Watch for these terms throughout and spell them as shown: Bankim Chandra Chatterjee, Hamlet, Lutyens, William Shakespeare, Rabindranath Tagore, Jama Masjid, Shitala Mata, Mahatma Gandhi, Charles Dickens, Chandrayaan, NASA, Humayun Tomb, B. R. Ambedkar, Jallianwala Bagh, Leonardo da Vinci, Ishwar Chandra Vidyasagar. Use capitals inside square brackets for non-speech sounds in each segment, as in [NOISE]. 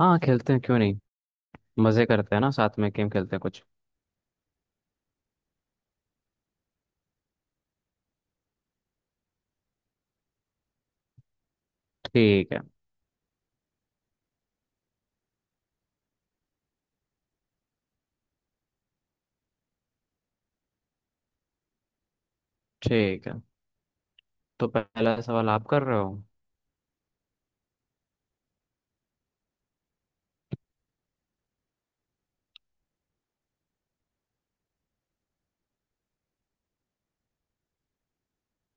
हाँ खेलते हैं क्यों नहीं। मजे करते हैं ना, साथ में गेम खेलते हैं कुछ। ठीक है। ठीक है, तो पहला सवाल आप कर रहे हो।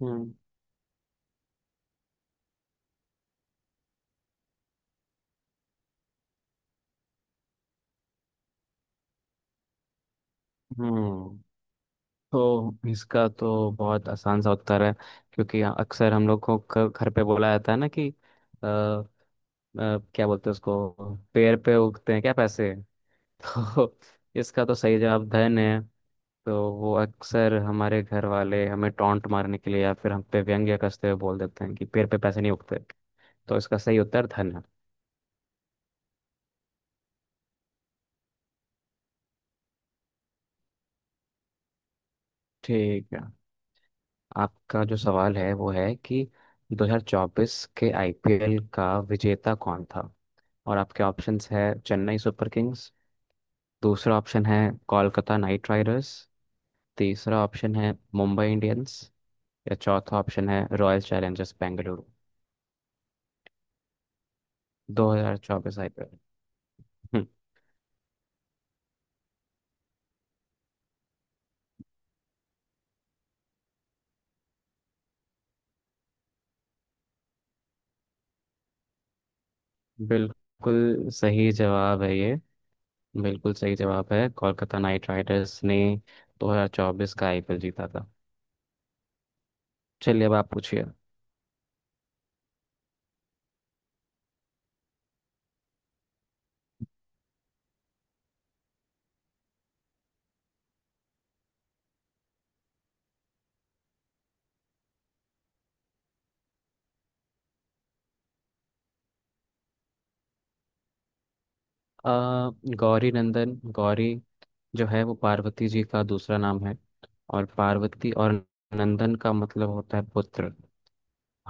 हम्म हम्म तो इसका तो बहुत आसान सा उत्तर है, क्योंकि अक्सर हम लोग को घर पे बोला जाता है ना कि अ, अ, क्या बोलते हैं उसको, पेड़ पे उगते हैं क्या पैसे [LAUGHS] तो इसका तो सही जवाब धन है। तो वो अक्सर हमारे घर वाले हमें टॉन्ट मारने के लिए या फिर हम पे व्यंग्य कसते हुए बोल देते हैं कि पेड़ पे पैसे नहीं उगते। तो इसका सही उत्तर धन है। ठीक है, आपका जो सवाल है वो है कि 2024 के आईपीएल का विजेता कौन था। और आपके ऑप्शंस है चेन्नई सुपर किंग्स। दूसरा ऑप्शन है कोलकाता नाइट राइडर्स। तीसरा ऑप्शन है मुंबई इंडियंस। या चौथा ऑप्शन है रॉयल चैलेंजर्स बेंगलुरु। 2024 आईपीएल। हम्म, बिल्कुल सही जवाब है ये। बिल्कुल सही जवाब है, कोलकाता नाइट राइडर्स ने 2024 का आईपीएल जीता था। चलिए, अब आप पूछिए। आ, गौरी नंदन, गौरी जो है वो पार्वती जी का दूसरा नाम है। और पार्वती, और नंदन का मतलब होता है पुत्र।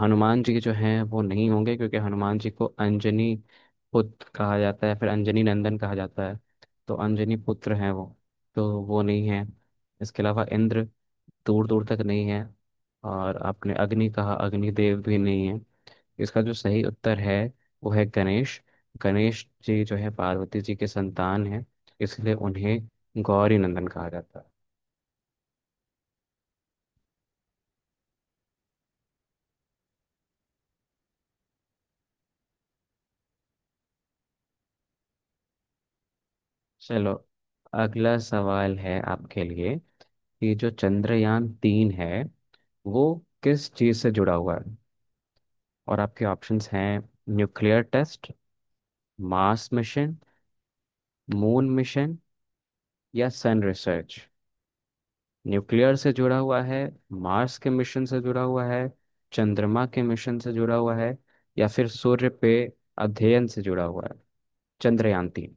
हनुमान जी जो हैं वो नहीं होंगे, क्योंकि हनुमान जी को अंजनी पुत्र कहा जाता है, फिर अंजनी नंदन कहा जाता है। तो अंजनी पुत्र हैं वो, तो वो नहीं है। इसके अलावा इंद्र दूर दूर तक नहीं है। और आपने अग्नि कहा, अग्निदेव भी नहीं है। इसका जो सही उत्तर है वो है गणेश। गणेश जी जो है पार्वती जी के संतान हैं, इसलिए उन्हें गौरी नंदन कहा जाता है। चलो, अगला सवाल है आपके लिए, कि जो चंद्रयान 3 है वो किस चीज से जुड़ा हुआ है। और आपके ऑप्शंस हैं nuclear test, Mars mission, moon mission, या सन रिसर्च। न्यूक्लियर से जुड़ा हुआ है, मार्स के मिशन से जुड़ा हुआ है, चंद्रमा के मिशन से जुड़ा हुआ है, या फिर सूर्य पे अध्ययन से जुड़ा हुआ है चंद्रयान 3।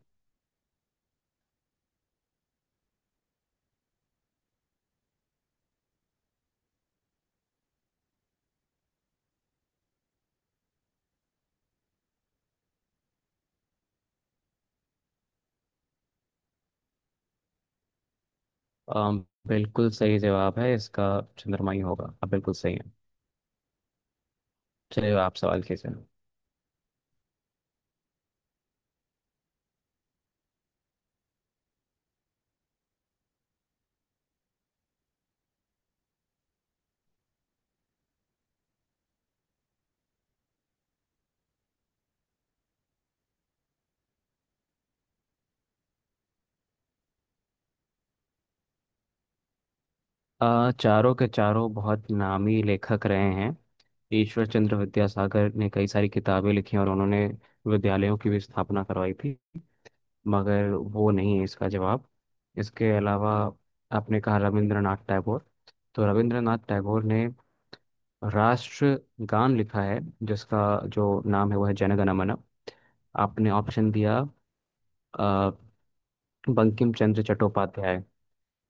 बिल्कुल सही जवाब है इसका, चंद्रमा ही होगा, आप बिल्कुल सही है। चलिए, आप सवाल कीजिए। चारों के चारों बहुत नामी लेखक रहे हैं। ईश्वर चंद्र विद्यासागर ने कई सारी किताबें लिखी, और उन्होंने विद्यालयों की भी स्थापना करवाई थी, मगर वो नहीं है इसका जवाब। इसके अलावा आपने कहा रविंद्रनाथ टैगोर, तो रविंद्रनाथ टैगोर ने राष्ट्र गान लिखा है, जिसका जो नाम है वो है जनगण मन। आपने ऑप्शन दिया अ, बंकिम चंद्र चट्टोपाध्याय।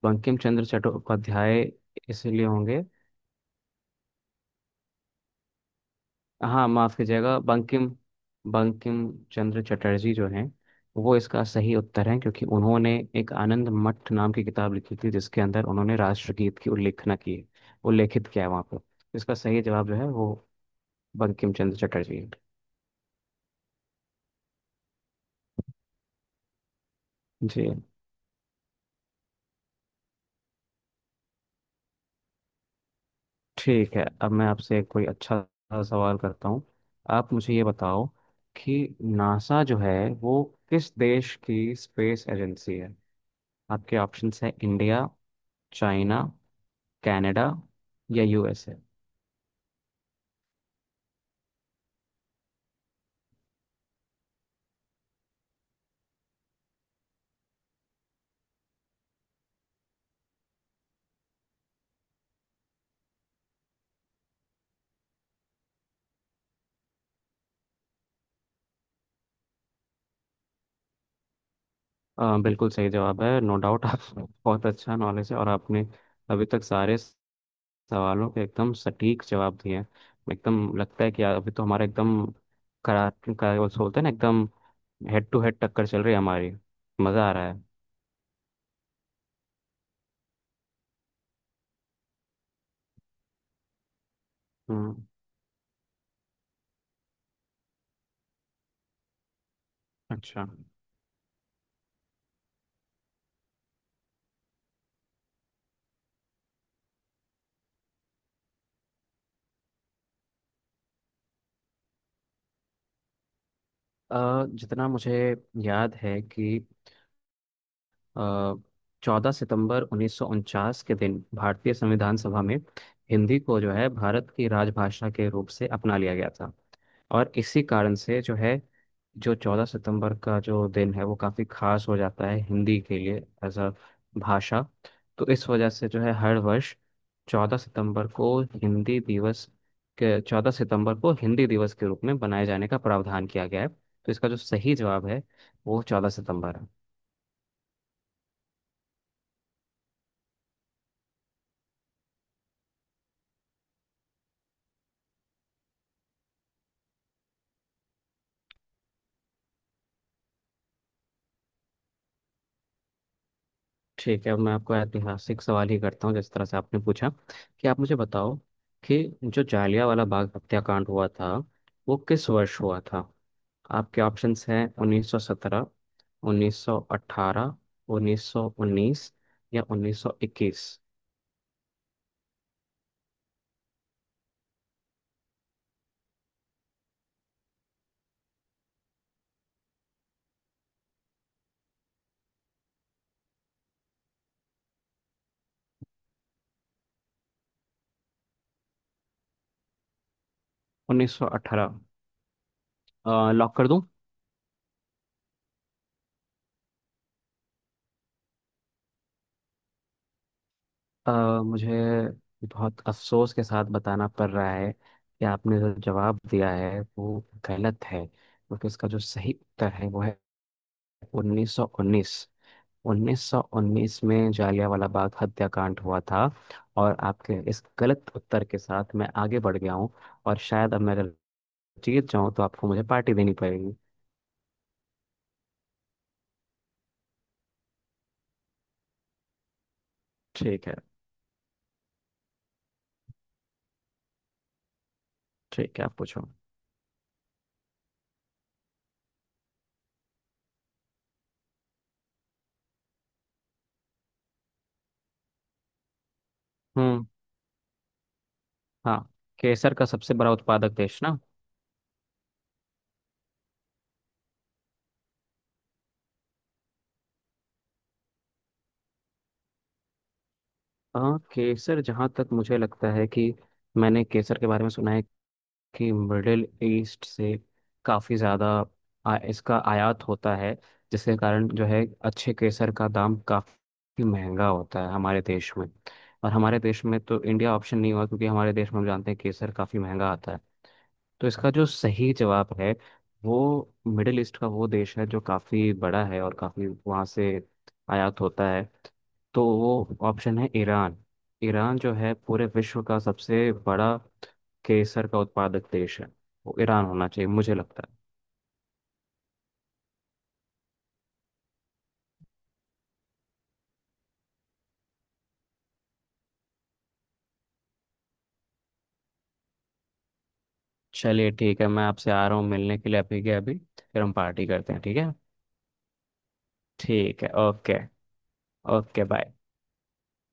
बंकिम चंद्र चट्टोपाध्याय इसलिए होंगे। हाँ माफ कीजिएगा, बंकिम, बंकिम चंद्र चटर्जी जो हैं वो इसका सही उत्तर है, क्योंकि उन्होंने एक आनंद मठ नाम की किताब लिखी थी जिसके अंदर उन्होंने राष्ट्रगीत की उल्लेखना की है, उल्लेखित किया है वहाँ पर। इसका सही जवाब जो है वो बंकिम चंद्र चटर्जी है। जी, ठीक है। अब मैं आपसे कोई अच्छा सा सवाल करता हूँ। आप मुझे ये बताओ कि नासा जो है वो किस देश की स्पेस एजेंसी है। आपके ऑप्शंस है इंडिया, चाइना, कनाडा, या यूएसए। बिल्कुल सही जवाब है, नो डाउट। आप [LAUGHS] बहुत अच्छा नॉलेज है, और आपने अभी तक सारे सवालों के एकदम सटीक जवाब दिए हैं। एकदम लगता है कि अभी तो हमारा एकदम करा करा, वो बोलते हैं ना, एकदम हेड टू हेड टक्कर चल रही है हमारी। मज़ा आ रहा है। हम्म अच्छा, जितना मुझे याद है कि 14 सितंबर 1949 के दिन भारतीय संविधान सभा में हिंदी को जो है भारत की राजभाषा के रूप से अपना लिया गया था। और इसी कारण से जो है, जो 14 सितंबर का जो दिन है वो काफ़ी खास हो जाता है हिंदी के लिए एज अ भाषा। तो इस वजह से जो है हर वर्ष 14 सितंबर को हिंदी दिवस के, 14 सितंबर को हिंदी दिवस के रूप में बनाए जाने का प्रावधान किया गया है, तो इसका जो सही जवाब है वो 14 सितंबर है। ठीक है, अब मैं आपको ऐतिहासिक सवाल ही करता हूँ जिस तरह से आपने पूछा। कि आप मुझे बताओ कि जो जालियांवाला बाग हत्याकांड हुआ था वो किस वर्ष हुआ था। आपके ऑप्शंस हैं 1917, 1918, 1919, या 1921। 1918 लॉक कर दूं? अ, मुझे बहुत अफसोस के साथ बताना पड़ रहा है कि आपने जो जवाब दिया है वो गलत है, क्योंकि इसका जो सही उत्तर है वो है 1919। 1919 में जालियांवाला बाग हत्याकांड हुआ था। और आपके इस गलत उत्तर के साथ मैं आगे बढ़ गया हूँ, और शायद अब मेरे जीत जाऊं तो आपको मुझे पार्टी देनी पड़ेगी। ठीक है। ठीक है, आप पूछो। हम्म। हाँ, केसर का सबसे बड़ा उत्पादक देश ना। हाँ, केसर जहाँ तक मुझे लगता है कि मैंने केसर के बारे में सुना है कि मिडिल ईस्ट से काफ़ी ज़्यादा इसका आयात होता है, जिसके कारण जो है अच्छे केसर का दाम काफ़ी महंगा होता है हमारे देश में। और हमारे देश में तो इंडिया ऑप्शन नहीं हुआ, क्योंकि हमारे देश में हम जानते हैं केसर काफ़ी महंगा आता है। तो इसका जो सही जवाब है, वो मिडिल ईस्ट का वो देश है जो काफ़ी बड़ा है और काफ़ी वहाँ से आयात होता है। तो वो ऑप्शन है ईरान। ईरान जो है पूरे विश्व का सबसे बड़ा केसर का उत्पादक देश है। वो ईरान होना चाहिए, मुझे लगता है। चलिए ठीक है, मैं आपसे आ रहा हूँ मिलने के लिए अभी के अभी, फिर हम पार्टी करते हैं, ठीक है। ठीक है ओके। Okay bye.